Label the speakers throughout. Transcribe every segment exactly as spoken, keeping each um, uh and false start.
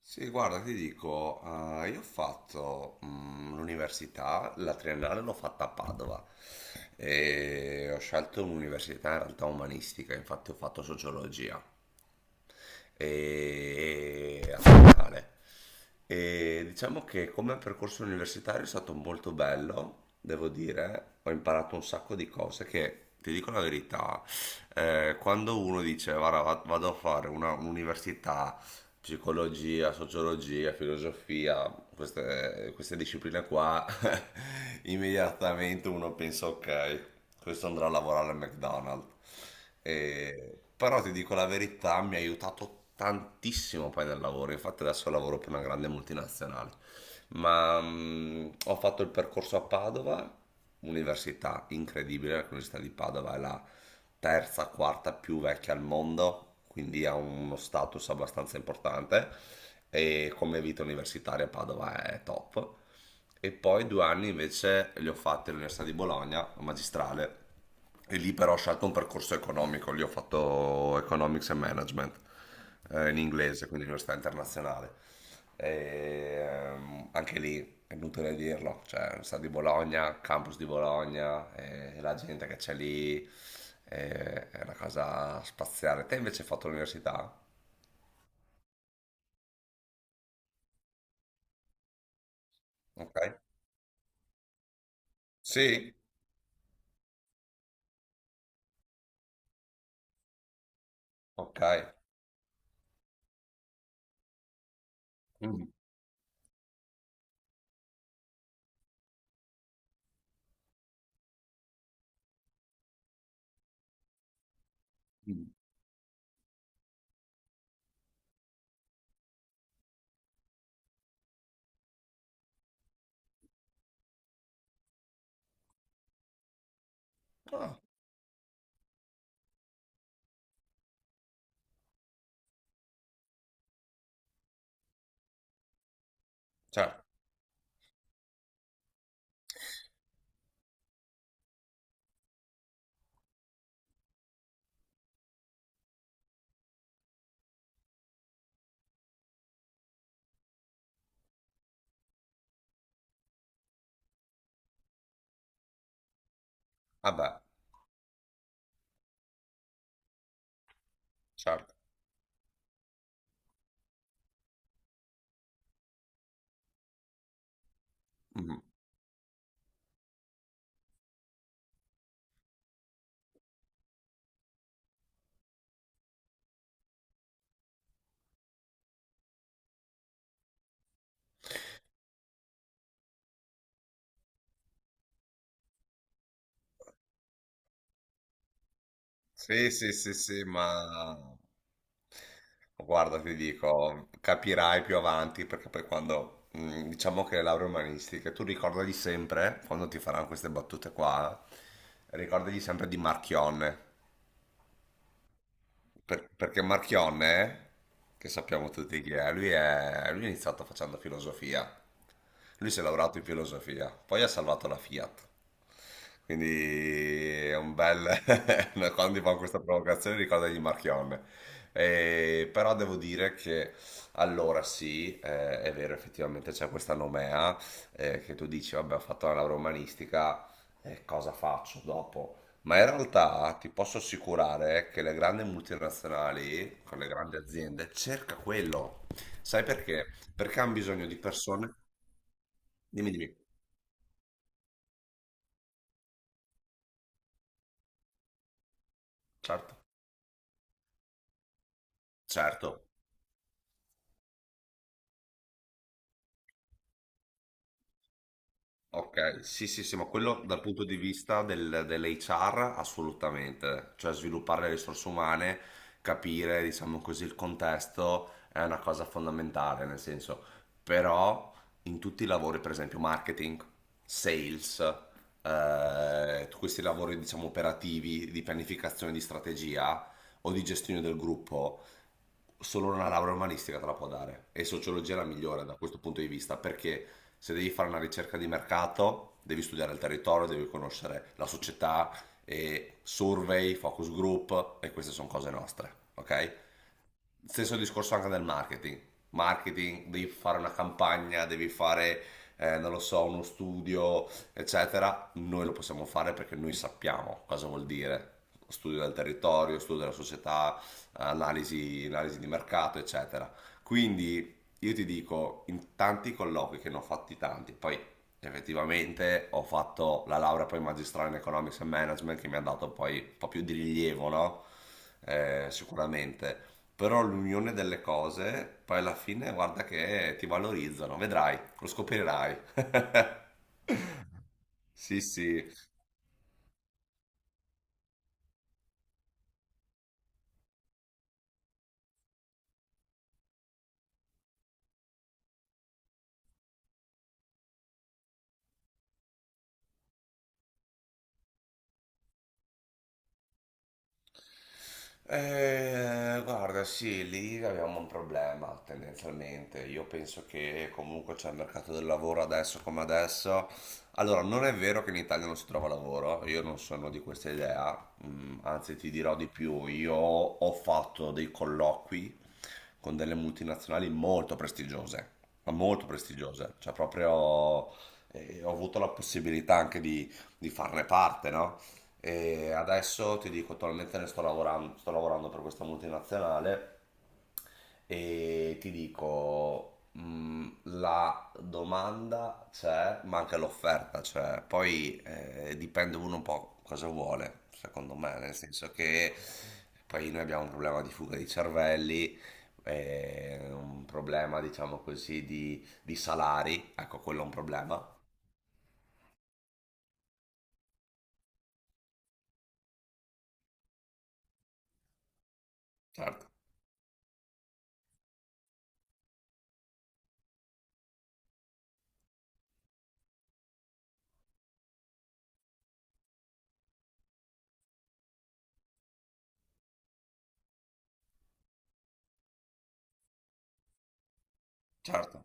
Speaker 1: Sì, guarda, ti dico, eh, io ho fatto mm, l'università, la triennale l'ho fatta a Padova e ho scelto un'università in realtà umanistica, infatti ho fatto sociologia e, e a triennale. E diciamo che come percorso universitario è stato molto bello, devo dire, ho imparato un sacco di cose che, ti dico la verità, eh, quando uno dice, guarda, va- vado a fare una- un'università, psicologia, sociologia, filosofia, queste, queste discipline qua, immediatamente uno pensa, ok, questo andrà a lavorare al McDonald's. E- Però ti dico la verità, mi ha aiutato tantissimo poi nel lavoro, infatti adesso lavoro per una grande multinazionale. Ma mm, ho fatto il percorso a Padova, università incredibile, l'università di Padova è la terza, quarta più vecchia al mondo, quindi ha uno status abbastanza importante, e come vita universitaria Padova è top. E poi due anni invece li ho fatti all'Università di Bologna, magistrale, e lì però ho scelto un percorso economico, lì ho fatto Economics and Management eh, in inglese, quindi università internazionale. E, ehm, anche lì è inutile dirlo, cioè Università di Bologna, campus di Bologna, eh, la gente che c'è lì, eh, è una cosa spaziale. Te invece hai fatto l'università? Ok. Sì. Ok. Mm. Mm. Ah, certo. Vabbè, certo. Mhm. Sì, sì, sì, sì, ma guarda, ti dico, capirai più avanti perché poi quando, mm, diciamo che le lauree umanistiche, tu ricordagli sempre, quando ti faranno queste battute qua, ricordagli sempre di Marchionne. Per- perché Marchionne, che sappiamo tutti chi è, lui è, lui è iniziato facendo filosofia. Lui si è laureato in filosofia, poi ha salvato la Fiat. Quindi è un bel... quando gli fanno questa provocazione ricordagli Marchionne. Eh, però devo dire che allora sì, eh, è vero, effettivamente c'è questa nomea, eh, che tu dici, vabbè, ho fatto la laurea umanistica, eh, cosa faccio dopo? Ma in realtà ti posso assicurare che le grandi multinazionali, con le grandi aziende, cerca quello. Sai perché? Perché hanno bisogno di persone. Dimmi, dimmi. Certo. Certo. Ok, sì, sì, sì, ma quello dal punto di vista del, dell'H R assolutamente, cioè sviluppare le risorse umane, capire, diciamo così, il contesto è una cosa fondamentale, nel senso, però in tutti i lavori, per esempio marketing, sales, eh, tutti questi lavori, diciamo, operativi, di pianificazione di strategia o di gestione del gruppo, solo una laurea umanistica te la può dare, e sociologia è la migliore da questo punto di vista, perché se devi fare una ricerca di mercato devi studiare il territorio, devi conoscere la società, e survey, focus group, e queste sono cose nostre, ok? Stesso discorso anche del marketing. Marketing, devi fare una campagna, devi fare, eh, non lo so, uno studio, eccetera. Noi lo possiamo fare perché noi sappiamo cosa vuol dire. Studio del territorio, studio della società, analisi, analisi di mercato, eccetera. Quindi io ti dico, in tanti colloqui che ne ho fatti tanti, poi effettivamente ho fatto la laurea poi magistrale in Economics and Management, che mi ha dato poi un po' più di rilievo, no? Eh, sicuramente però l'unione delle cose, poi alla fine guarda che ti valorizzano, vedrai, lo scoprirai. Sì, sì. Eh, guarda, sì, lì abbiamo un problema tendenzialmente. Io penso che comunque c'è il mercato del lavoro adesso come adesso. Allora, non è vero che in Italia non si trova lavoro, io non sono di questa idea, Mm, anzi ti dirò di più, io ho fatto dei colloqui con delle multinazionali molto prestigiose, ma molto prestigiose, cioè proprio, eh, ho avuto la possibilità anche di, di farne parte, no? E adesso ti dico, attualmente ne sto lavorando, sto lavorando per questa multinazionale, e ti dico, mh, la domanda c'è, ma anche l'offerta c'è. Poi eh, dipende uno un po' cosa vuole, secondo me, nel senso che poi noi abbiamo un problema di fuga di cervelli, eh, un problema, diciamo così, di, di salari. Ecco, quello è un problema. Certo, certo,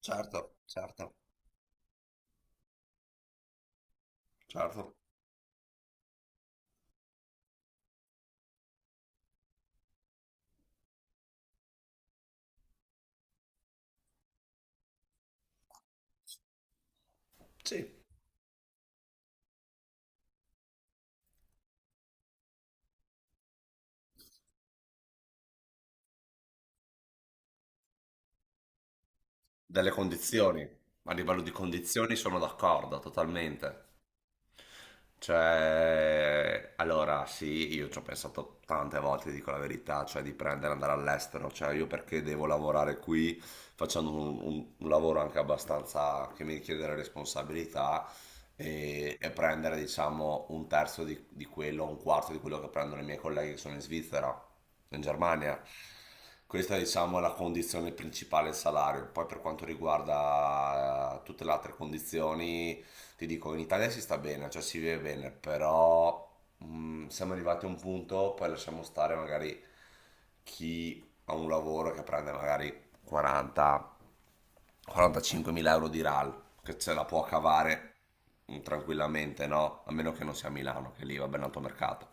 Speaker 1: certo, certo, certo. Sì. Delle condizioni, a livello di condizioni sono d'accordo totalmente. Cioè, allora sì, io ci ho pensato tante volte, dico la verità, cioè di prendere, andare all'estero, cioè io perché devo lavorare qui facendo un, un- un lavoro anche abbastanza che mi richiede delle responsabilità, e, e prendere diciamo un terzo di, di quello, un quarto di quello che prendono i miei colleghi che sono in Svizzera, in Germania. Questa diciamo è la condizione principale, il salario. Poi per quanto riguarda eh, tutte le altre condizioni, ti dico, in Italia si sta bene, cioè si vive bene, però mh, siamo arrivati a un punto, poi lasciamo stare magari chi ha un lavoro che prende magari quaranta quarantacinquemila mila euro di RAL, che ce la può cavare mh, tranquillamente, no? A meno che non sia a Milano, che lì va ben alto mercato.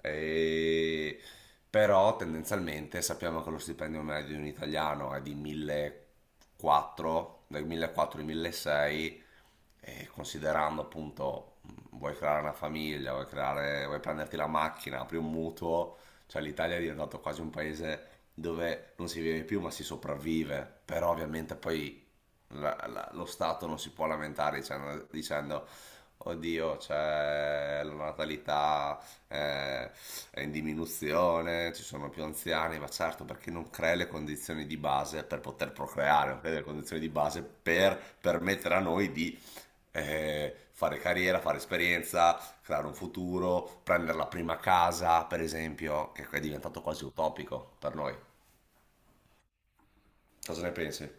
Speaker 1: E- Però tendenzialmente sappiamo che lo stipendio medio di un italiano è di millequattrocento, dai millequattrocento ai milleseicento, e considerando appunto, mh, vuoi creare una famiglia, vuoi creare, vuoi prenderti la macchina, apri un mutuo, cioè l'Italia è diventato quasi un paese dove non si vive più ma si sopravvive, però ovviamente poi la- la- lo Stato non si può lamentare dicendo, dicendo, oddio, c'è la natalità, eh, è in diminuzione, ci sono più anziani, ma certo, perché non crei le condizioni di base per poter procreare, non crei le condizioni di base per permettere a noi di eh, fare carriera, fare esperienza, creare un futuro, prendere la prima casa, per esempio, che è diventato quasi utopico per noi. Cosa ne pensi?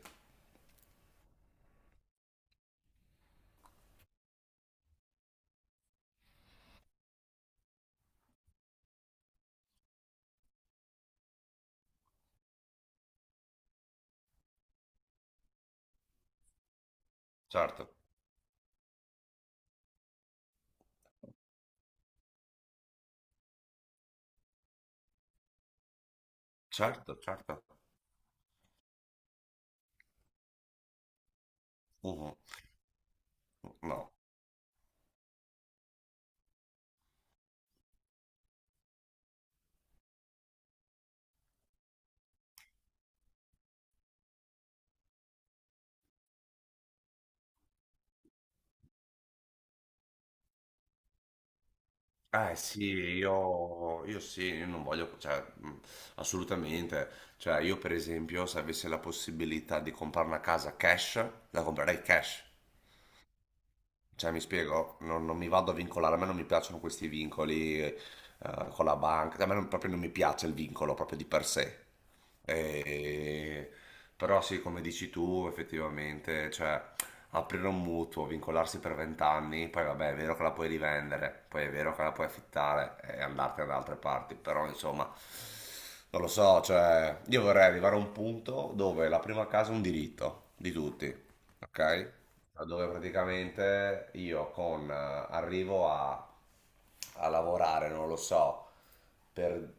Speaker 1: Certo, certo, certo. Mhm. No. Eh sì, io, io sì, io non voglio, cioè, mh, assolutamente. Cioè, io per esempio, se avessi la possibilità di comprare una casa cash, la comprerei cash. Cioè, mi spiego, non, non mi vado a vincolare, a me non mi piacciono questi vincoli, eh, con la banca, cioè, a me non- proprio non mi piace il vincolo proprio di per sé. E- Però sì, come dici tu, effettivamente, cioè, aprire un mutuo, vincolarsi per venti anni, poi vabbè, è vero che la puoi rivendere, poi è vero che la puoi affittare e andartene da altre parti, però insomma, non lo so, cioè, io vorrei arrivare a un punto dove la prima casa è un diritto di tutti, ok? Dove praticamente io con, eh, arrivo a, a lavorare, non lo so, per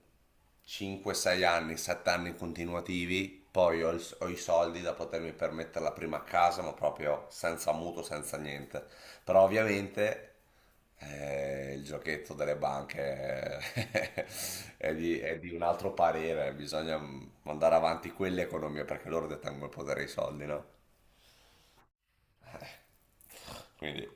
Speaker 1: cinque sei anni, sette anni continuativi, poi ho, il- ho i soldi da potermi permettere la prima casa, ma proprio senza mutuo, senza niente. Però ovviamente eh, il giochetto delle banche, eh, è di, è di un altro parere, bisogna mm, mandare avanti quell'economia perché loro detengono il potere dei soldi, no? Quindi...